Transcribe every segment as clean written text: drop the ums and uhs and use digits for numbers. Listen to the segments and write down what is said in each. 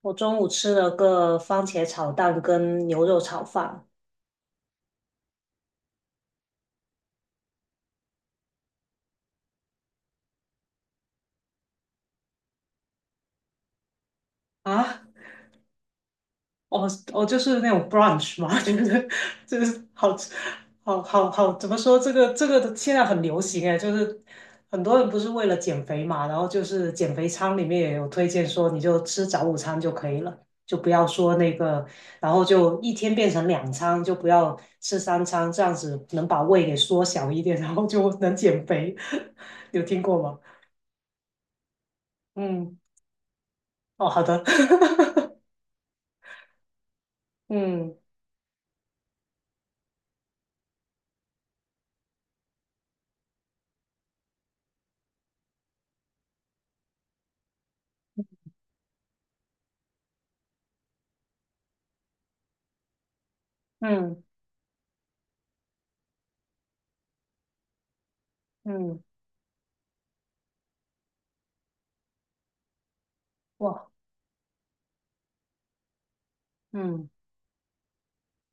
我中午吃了个番茄炒蛋跟牛肉炒饭。啊，哦哦，就是那种 brunch 嘛，就是好吃。好好好，怎么说这个的现在很流行哎，就是很多人不是为了减肥嘛，然后就是减肥餐里面也有推荐说你就吃早午餐就可以了，就不要说那个，然后就一天变成两餐，就不要吃三餐，这样子能把胃给缩小一点，然后就能减肥。有听过吗？嗯。哦，好的。嗯，嗯嗯，哇，嗯。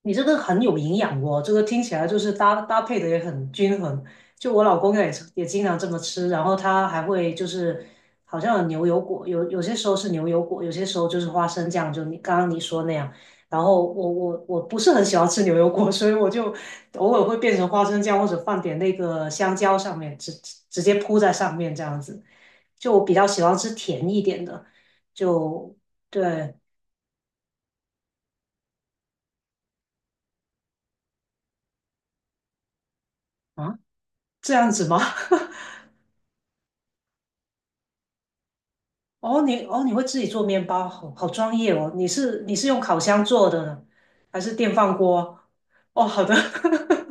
你这个很有营养哦，这个听起来就是搭配的也很均衡。就我老公也是也经常这么吃，然后他还会就是好像有牛油果，有些时候是牛油果，有些时候就是花生酱，就你刚刚说那样。然后我不是很喜欢吃牛油果，所以我就偶尔会变成花生酱，或者放点那个香蕉上面，直接铺在上面这样子。就我比较喜欢吃甜一点的，就对啊，这样子吗？哦，你会自己做面包，好好专业哦。你是用烤箱做的呢，还是电饭锅？哦，好的。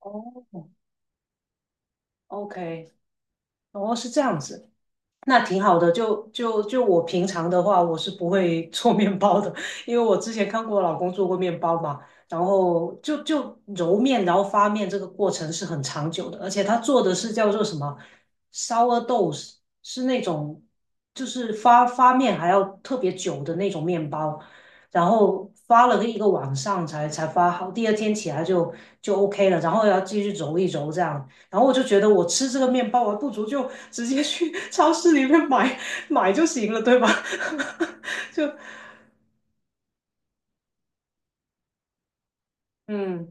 哦，OK，哦，是这样子。那挺好的，就我平常的话，我是不会 做面包的，因为我之前看过我老公做过面包嘛，然后就揉面，然后发面这个过程是很长久的，而且他做的是叫做什么 sourdough，是那种就是发面还要特别久的那种面包，然后发了一个晚上才发好，第二天起来就 OK 了，然后要继续揉一揉这样，然后我就觉得我吃这个面包，我还不如就直接去 超市里面买就行了，对吧？就嗯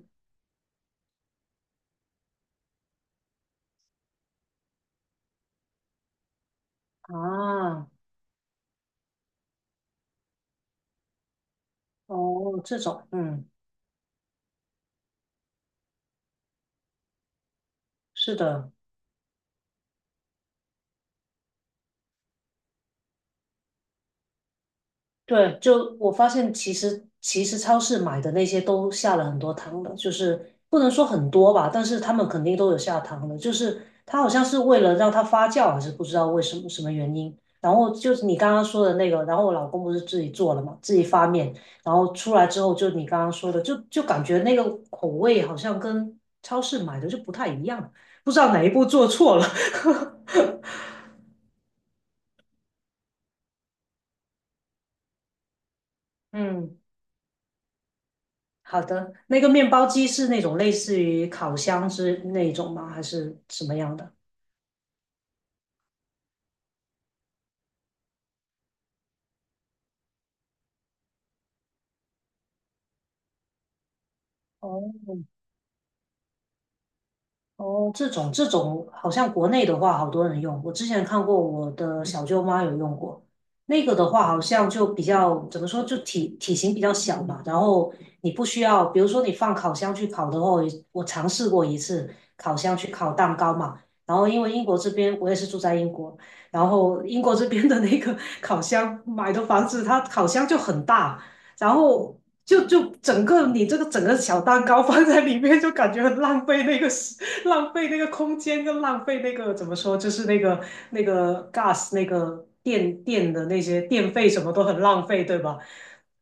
啊哦，这种嗯是的。对，就我发现，其实超市买的那些都下了很多糖的，就是不能说很多吧，但是他们肯定都有下糖的，就是它好像是为了让它发酵，还是不知道为什么原因。然后就是你刚刚说的那个，然后我老公不是自己做了嘛，自己发面，然后出来之后，就你刚刚说的，就感觉那个口味好像跟超市买的就不太一样，不知道哪一步做错了。嗯，好的。那个面包机是那种类似于烤箱是那种吗？还是什么样的？哦，哦，这种这种好像国内的话，好多人用。我之前看过，我的小舅妈有用过。那个的话，好像就比较怎么说，就体型比较小嘛。然后你不需要，比如说你放烤箱去烤的话，我尝试过一次烤箱去烤蛋糕嘛。然后因为英国这边我也是住在英国，然后英国这边的那个 烤箱买的房子，它烤箱就很大，然后就整个你这个整个小蛋糕放在里面，就感觉很浪费那个时浪费那个空间跟浪费那个怎么说，就是那个那个 gas 那个电的那些电费什么都很浪费，对吧？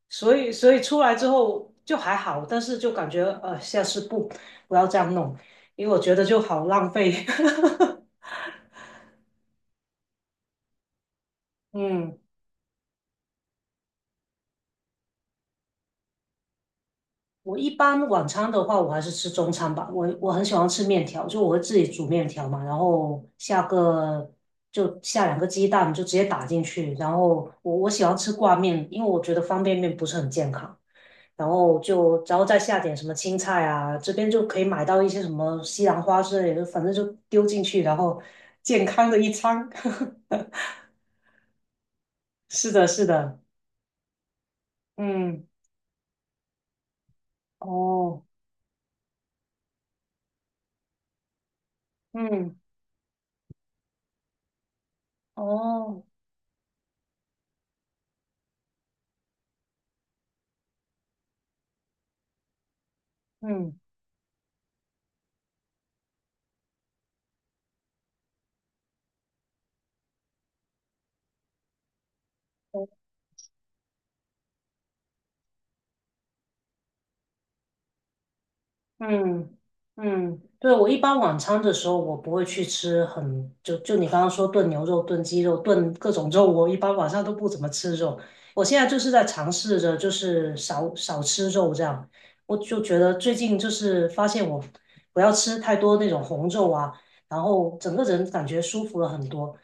所以出来之后就还好，但是就感觉下次不要这样弄，因为我觉得就好浪费。嗯。我一般晚餐的话，我还是吃中餐吧。我很喜欢吃面条，就我会自己煮面条嘛，然后下个下两个鸡蛋，就直接打进去。然后我喜欢吃挂面，因为我觉得方便面不是很健康。然后然后再下点什么青菜啊，这边就可以买到一些什么西兰花之类的，反正就丢进去，然后 健康的一餐。是的，是的，嗯，哦，嗯，哦，嗯。哦，嗯嗯，对，我一般晚餐的时候，我不会去吃很，就你刚刚说炖牛肉、炖鸡肉、炖各种肉，我一般晚上都不怎么吃肉。我现在就是在尝试着，就是少吃肉这样。我就觉得最近就是发现我不要吃太多那种红肉啊，然后整个人感觉舒服了很多。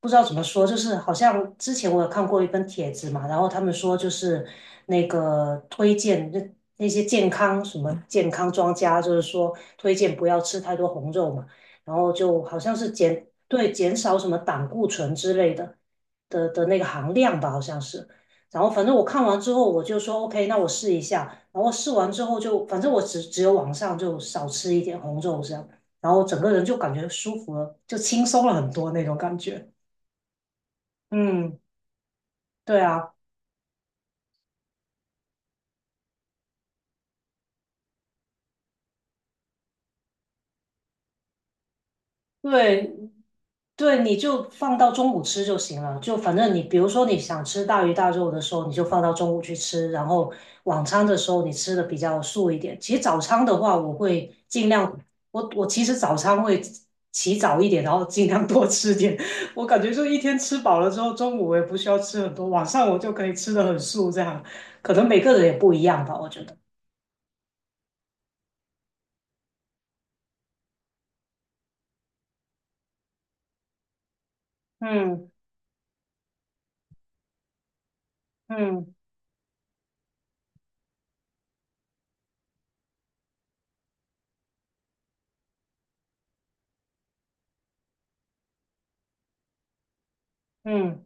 不知道怎么说，就是好像之前我有看过一份帖子嘛，然后他们说就是那个推荐那那些健康健康专家，就是说推荐不要吃太多红肉嘛，然后就好像是减少什么胆固醇之类的那个含量吧，好像是。然后反正我看完之后我就说 OK，那我试一下。然后试完之后就反正我只有晚上就少吃一点红肉这样，然后整个人就感觉舒服了，就轻松了很多那种感觉。嗯，对啊，对对，你就放到中午吃就行了。就反正你，比如说你想吃大鱼大肉的时候，你就放到中午去吃。然后晚餐的时候，你吃的比较素一点。其实早餐的话，我会尽量，我其实早餐会起早一点，然后尽量多吃点。我感觉就一天吃饱了之后，中午我也不需要吃很多，晚上我就可以吃的很素，这样可能每个人也不一样吧，我觉得。嗯，嗯嗯。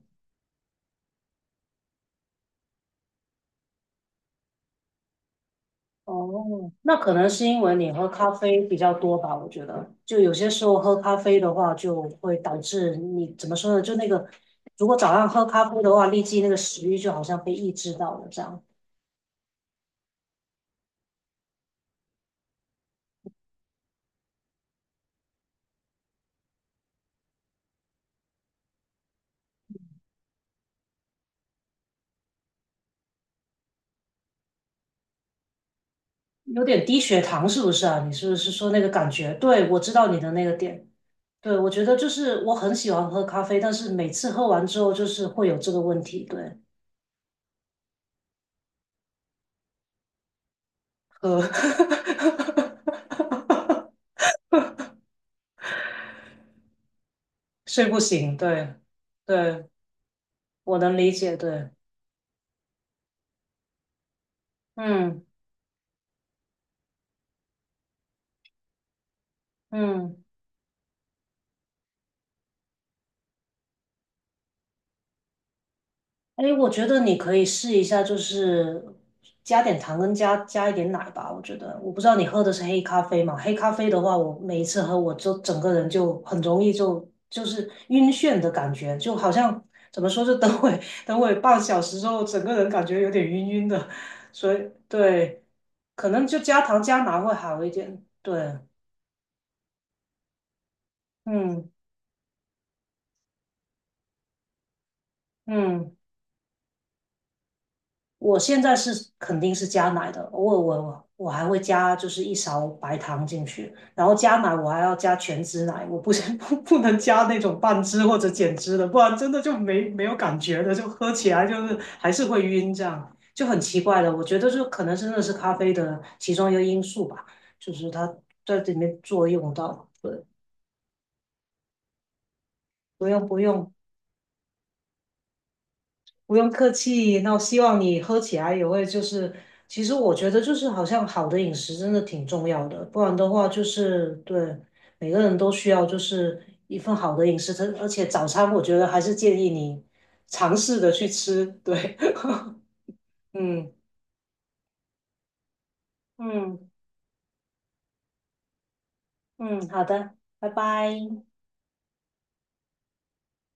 哦，那可能是因为你喝咖啡比较多吧，我觉得，就有些时候喝咖啡的话，就会导致你怎么说呢？就那个，如果早上喝咖啡的话，立即那个食欲就好像被抑制到了，这样有点低血糖，是不是啊？你是不是说那个感觉？对，我知道你的那个点。对，我觉得就是我很喜欢喝咖啡，但是每次喝完之后就是会有这个问题，对，喝 睡不醒，对，对，我能理解，对，嗯。嗯，哎，我觉得你可以试一下，就是加点糖跟加一点奶吧。我觉得，我不知道你喝的是黑咖啡嘛？黑咖啡的话，我每一次喝，我就整个人就很容易就是晕眩的感觉，就好像怎么说，就等会 等会30分钟之后，整个人感觉有点晕晕的。所以对，可能就加糖加奶会好一点。对，嗯嗯。我现在是肯定是加奶的，偶尔我还会加就是一勺白糖进去，然后加奶我还要加全脂奶，我不是 不能加那种半脂或者减脂的，不然真的就没有感觉的，就喝起来就是还是会晕，这样就很奇怪的。我觉得就可能真的是咖啡的其中一个因素吧，就是它在里面作用到，对，不用不用客气，那我希望你喝起来也会就是，其实我觉得就是好像好的饮食真的挺重要的，不然的话就是对每个人都需要就是一份好的饮食，它而且早餐我觉得还是建议你尝试着去吃，对，嗯，嗯嗯，好的，拜拜。